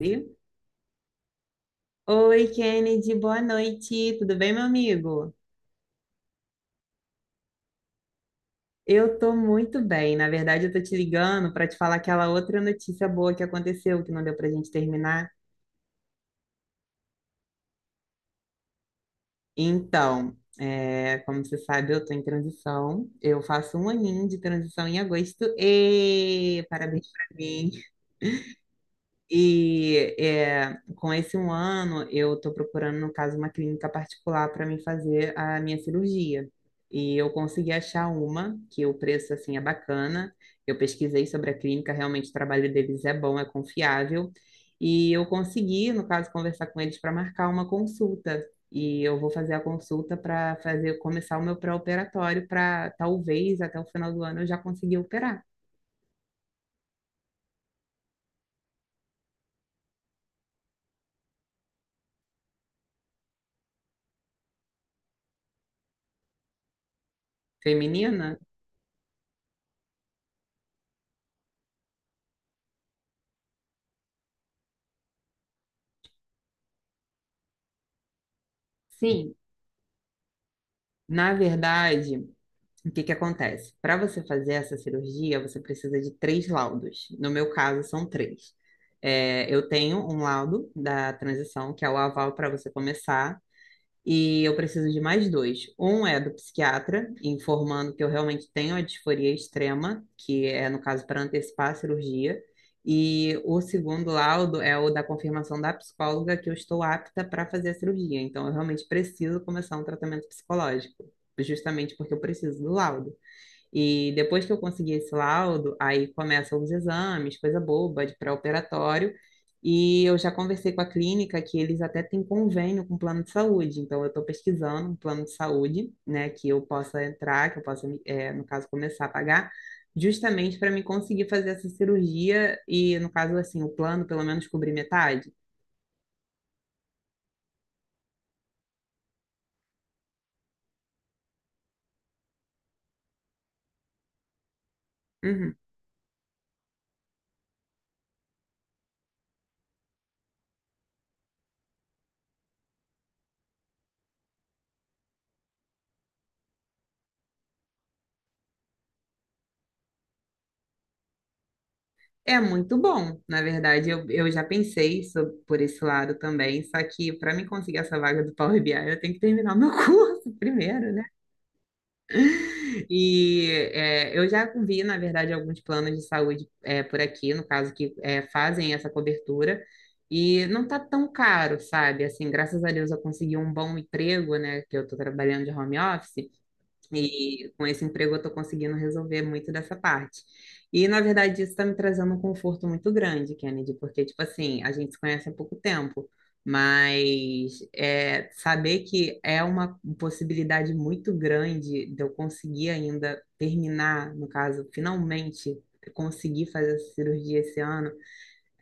Oi, Oi, Kennedy, boa noite. Tudo bem, meu amigo? Eu tô muito bem. Na verdade, eu tô te ligando para te falar aquela outra notícia boa que aconteceu, que não deu pra gente terminar. Então, é, como você sabe, eu tô em transição. Eu faço um aninho de transição em agosto. E parabéns pra mim. E é, com esse um ano, eu estou procurando, no caso, uma clínica particular para me fazer a minha cirurgia. E eu consegui achar uma, que o preço, assim, é bacana. Eu pesquisei sobre a clínica, realmente o trabalho deles é bom, é confiável. E eu consegui, no caso, conversar com eles para marcar uma consulta. E eu vou fazer a consulta para fazer começar o meu pré-operatório para talvez até o final do ano eu já conseguir operar. Feminina? Sim. Na verdade, o que que acontece? Para você fazer essa cirurgia, você precisa de três laudos. No meu caso, são três. É, eu tenho um laudo da transição, que é o aval para você começar, e eu preciso de mais dois. Um é do psiquiatra, informando que eu realmente tenho a disforia extrema, que é, no caso, para antecipar a cirurgia. E o segundo laudo é o da confirmação da psicóloga que eu estou apta para fazer a cirurgia. Então, eu realmente preciso começar um tratamento psicológico, justamente porque eu preciso do laudo. E depois que eu consegui esse laudo, aí começam os exames, coisa boba, de pré-operatório. E eu já conversei com a clínica que eles até têm convênio com o plano de saúde. Então, eu estou pesquisando um plano de saúde, né, que eu possa entrar, que eu possa, no caso, começar a pagar, justamente para me conseguir fazer essa cirurgia e, no caso, assim, o plano pelo menos cobrir metade. Uhum. É muito bom, na verdade. Eu já pensei so- por esse lado também, só que para mim conseguir essa vaga do Power BI, eu tenho que terminar o meu curso primeiro, né? E é, eu já vi, na verdade, alguns planos de saúde é, por aqui, no caso, que é, fazem essa cobertura, e não tá tão caro, sabe? Assim, graças a Deus eu consegui um bom emprego, né? Que eu tô trabalhando de home office. E com esse emprego eu estou conseguindo resolver muito dessa parte. E, na verdade, isso está me trazendo um conforto muito grande, Kennedy, porque, tipo assim, a gente se conhece há pouco tempo, mas é, saber que é uma possibilidade muito grande de eu conseguir ainda terminar, no caso, finalmente conseguir fazer essa cirurgia esse ano,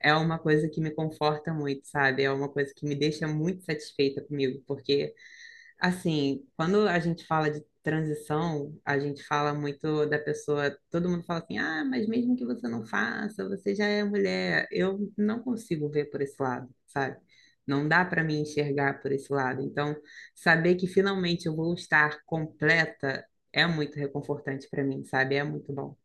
é uma coisa que me conforta muito, sabe? É uma coisa que me deixa muito satisfeita comigo, porque. Assim, quando a gente fala de transição, a gente fala muito da pessoa, todo mundo fala assim, ah, mas mesmo que você não faça, você já é mulher. Eu não consigo ver por esse lado, sabe? Não dá para me enxergar por esse lado. Então, saber que finalmente eu vou estar completa é muito reconfortante para mim, sabe? É muito bom.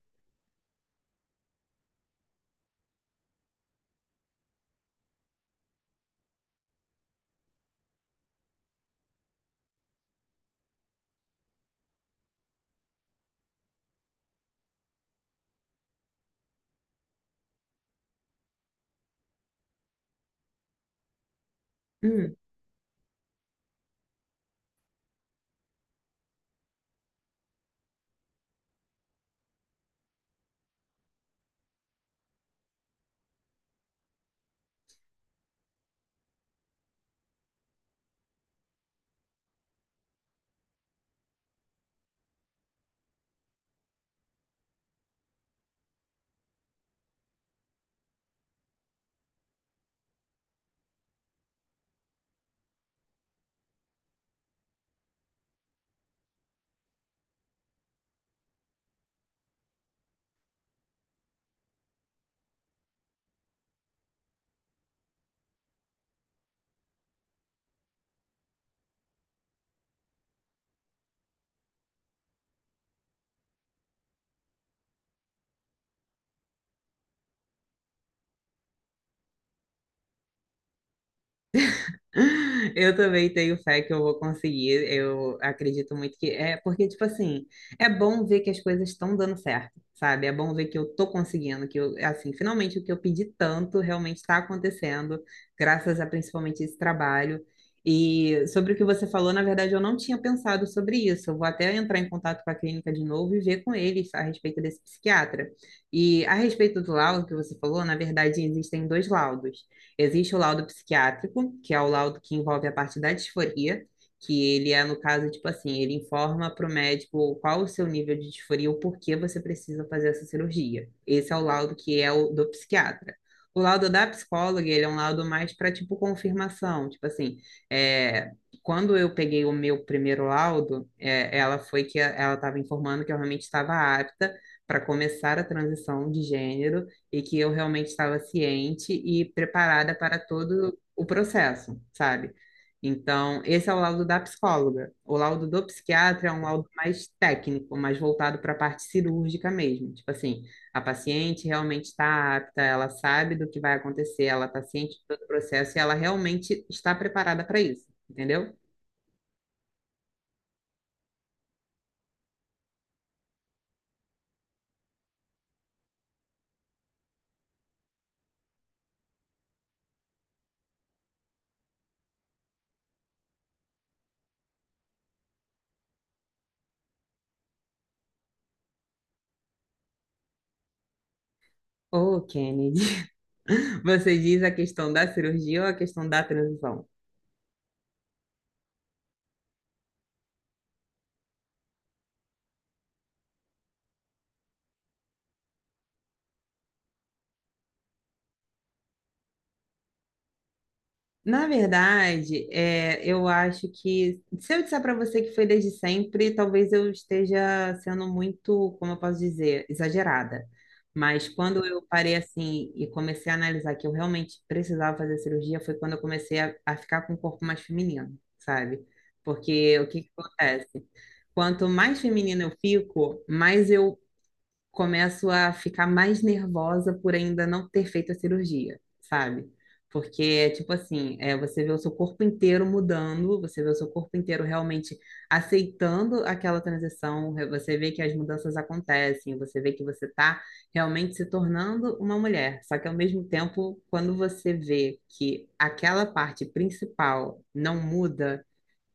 Eu também tenho fé que eu vou conseguir. Eu acredito muito que é porque, tipo assim, é bom ver que as coisas estão dando certo, sabe? É bom ver que eu tô conseguindo, que eu, assim, finalmente o que eu pedi tanto realmente está acontecendo, graças a principalmente esse trabalho. E sobre o que você falou, na verdade, eu não tinha pensado sobre isso. Eu vou até entrar em contato com a clínica de novo e ver com eles a respeito desse psiquiatra. E a respeito do laudo que você falou, na verdade, existem dois laudos. Existe o laudo psiquiátrico, que é o laudo que envolve a parte da disforia, que ele é, no caso, tipo assim, ele informa para o médico qual o seu nível de disforia, o porquê você precisa fazer essa cirurgia. Esse é o laudo que é o do psiquiatra. O laudo da psicóloga, ele é um laudo mais para, tipo, confirmação. Tipo assim, é, quando eu peguei o meu primeiro laudo, é, ela foi que ela estava informando que eu realmente estava apta para começar a transição de gênero e que eu realmente estava ciente e preparada para todo o processo, sabe? Então, esse é o laudo da psicóloga. O laudo do psiquiatra é um laudo mais técnico, mais voltado para a parte cirúrgica mesmo. Tipo assim, a paciente realmente está apta, ela sabe do que vai acontecer, ela está ciente de todo o processo e ela realmente está preparada para isso, entendeu? Ô, Kennedy, você diz a questão da cirurgia ou a questão da transição? Na verdade, é, eu acho que se eu disser para você que foi desde sempre, talvez eu esteja sendo muito, como eu posso dizer, exagerada. Mas quando eu parei assim e comecei a analisar que eu realmente precisava fazer cirurgia, foi quando eu comecei a ficar com o corpo mais feminino, sabe? Porque o que que acontece? Quanto mais feminina eu fico, mais eu começo a ficar mais nervosa por ainda não ter feito a cirurgia, sabe? Porque é tipo assim, é, você vê o seu corpo inteiro mudando, você vê o seu corpo inteiro realmente aceitando aquela transição, re- você vê que as mudanças acontecem, você vê que você está realmente se tornando uma mulher. Só que ao mesmo tempo, quando você vê que aquela parte principal não muda,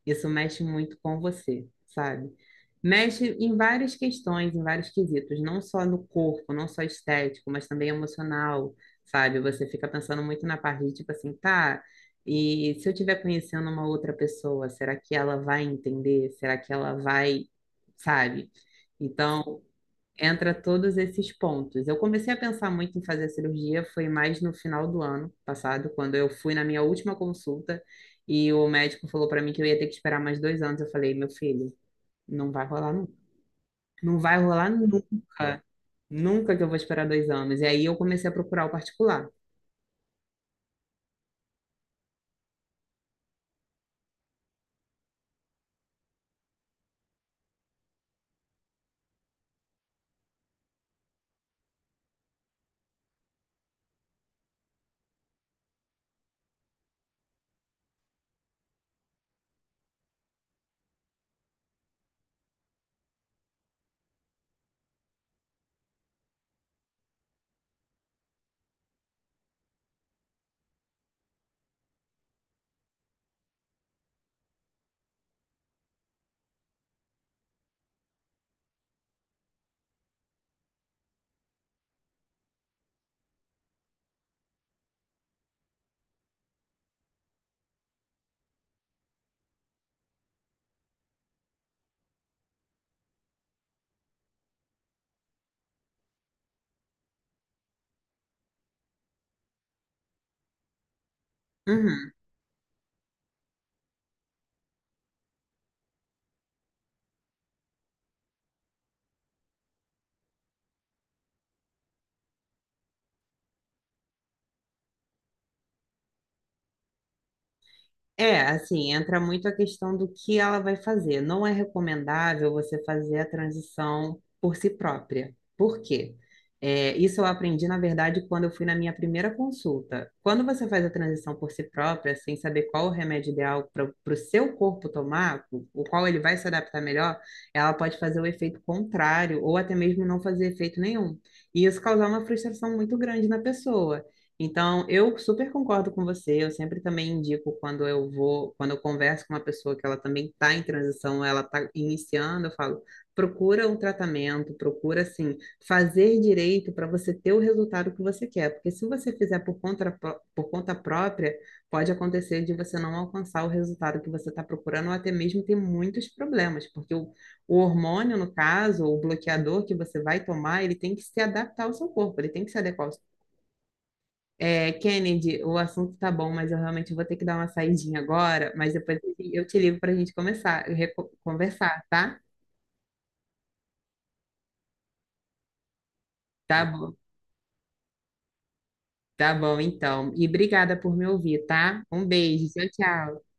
isso mexe muito com você, sabe? Mexe em várias questões, em vários quesitos, não só no corpo, não só estético, mas também emocional, sabe? Você fica pensando muito na parte de tipo assim, tá, e se eu estiver conhecendo uma outra pessoa, será que ela vai entender? Será que ela vai, sabe? Então, entra todos esses pontos. Eu comecei a pensar muito em fazer a cirurgia, foi mais no final do ano passado, quando eu fui na minha última consulta e o médico falou para mim que eu ia ter que esperar mais dois anos. Eu falei, meu filho, não vai rolar nunca. Não vai rolar nunca. Nunca que eu vou esperar dois anos. E aí eu comecei a procurar o particular. Uhum. É, assim, entra muito a questão do que ela vai fazer. Não é recomendável você fazer a transição por si própria. Por quê? É, isso eu aprendi, na verdade, quando eu fui na minha primeira consulta. Quando você faz a transição por si própria, sem saber qual o remédio ideal para o seu corpo tomar, o qual ele vai se adaptar melhor, ela pode fazer o efeito contrário, ou até mesmo não fazer efeito nenhum. E isso causar uma frustração muito grande na pessoa. Então, eu super concordo com você. Eu sempre também indico quando eu vou, quando eu converso com uma pessoa que ela também está em transição, ela está iniciando, eu falo, procura um tratamento, procura assim, fazer direito para você ter o resultado que você quer. Porque se você fizer por conta, pró- por conta própria, pode acontecer de você não alcançar o resultado que você está procurando, ou até mesmo ter muitos problemas, porque o hormônio, no caso, ou o bloqueador que você vai tomar, ele tem que se adaptar ao seu corpo, ele tem que se adequar é, Kennedy, o assunto tá bom, mas eu realmente vou ter que dar uma saidinha agora, mas depois eu te ligo para a gente começar, reco- conversar, tá? Tá bom, tá bom então. E obrigada por me ouvir, tá? Um beijo, tchau, tchau.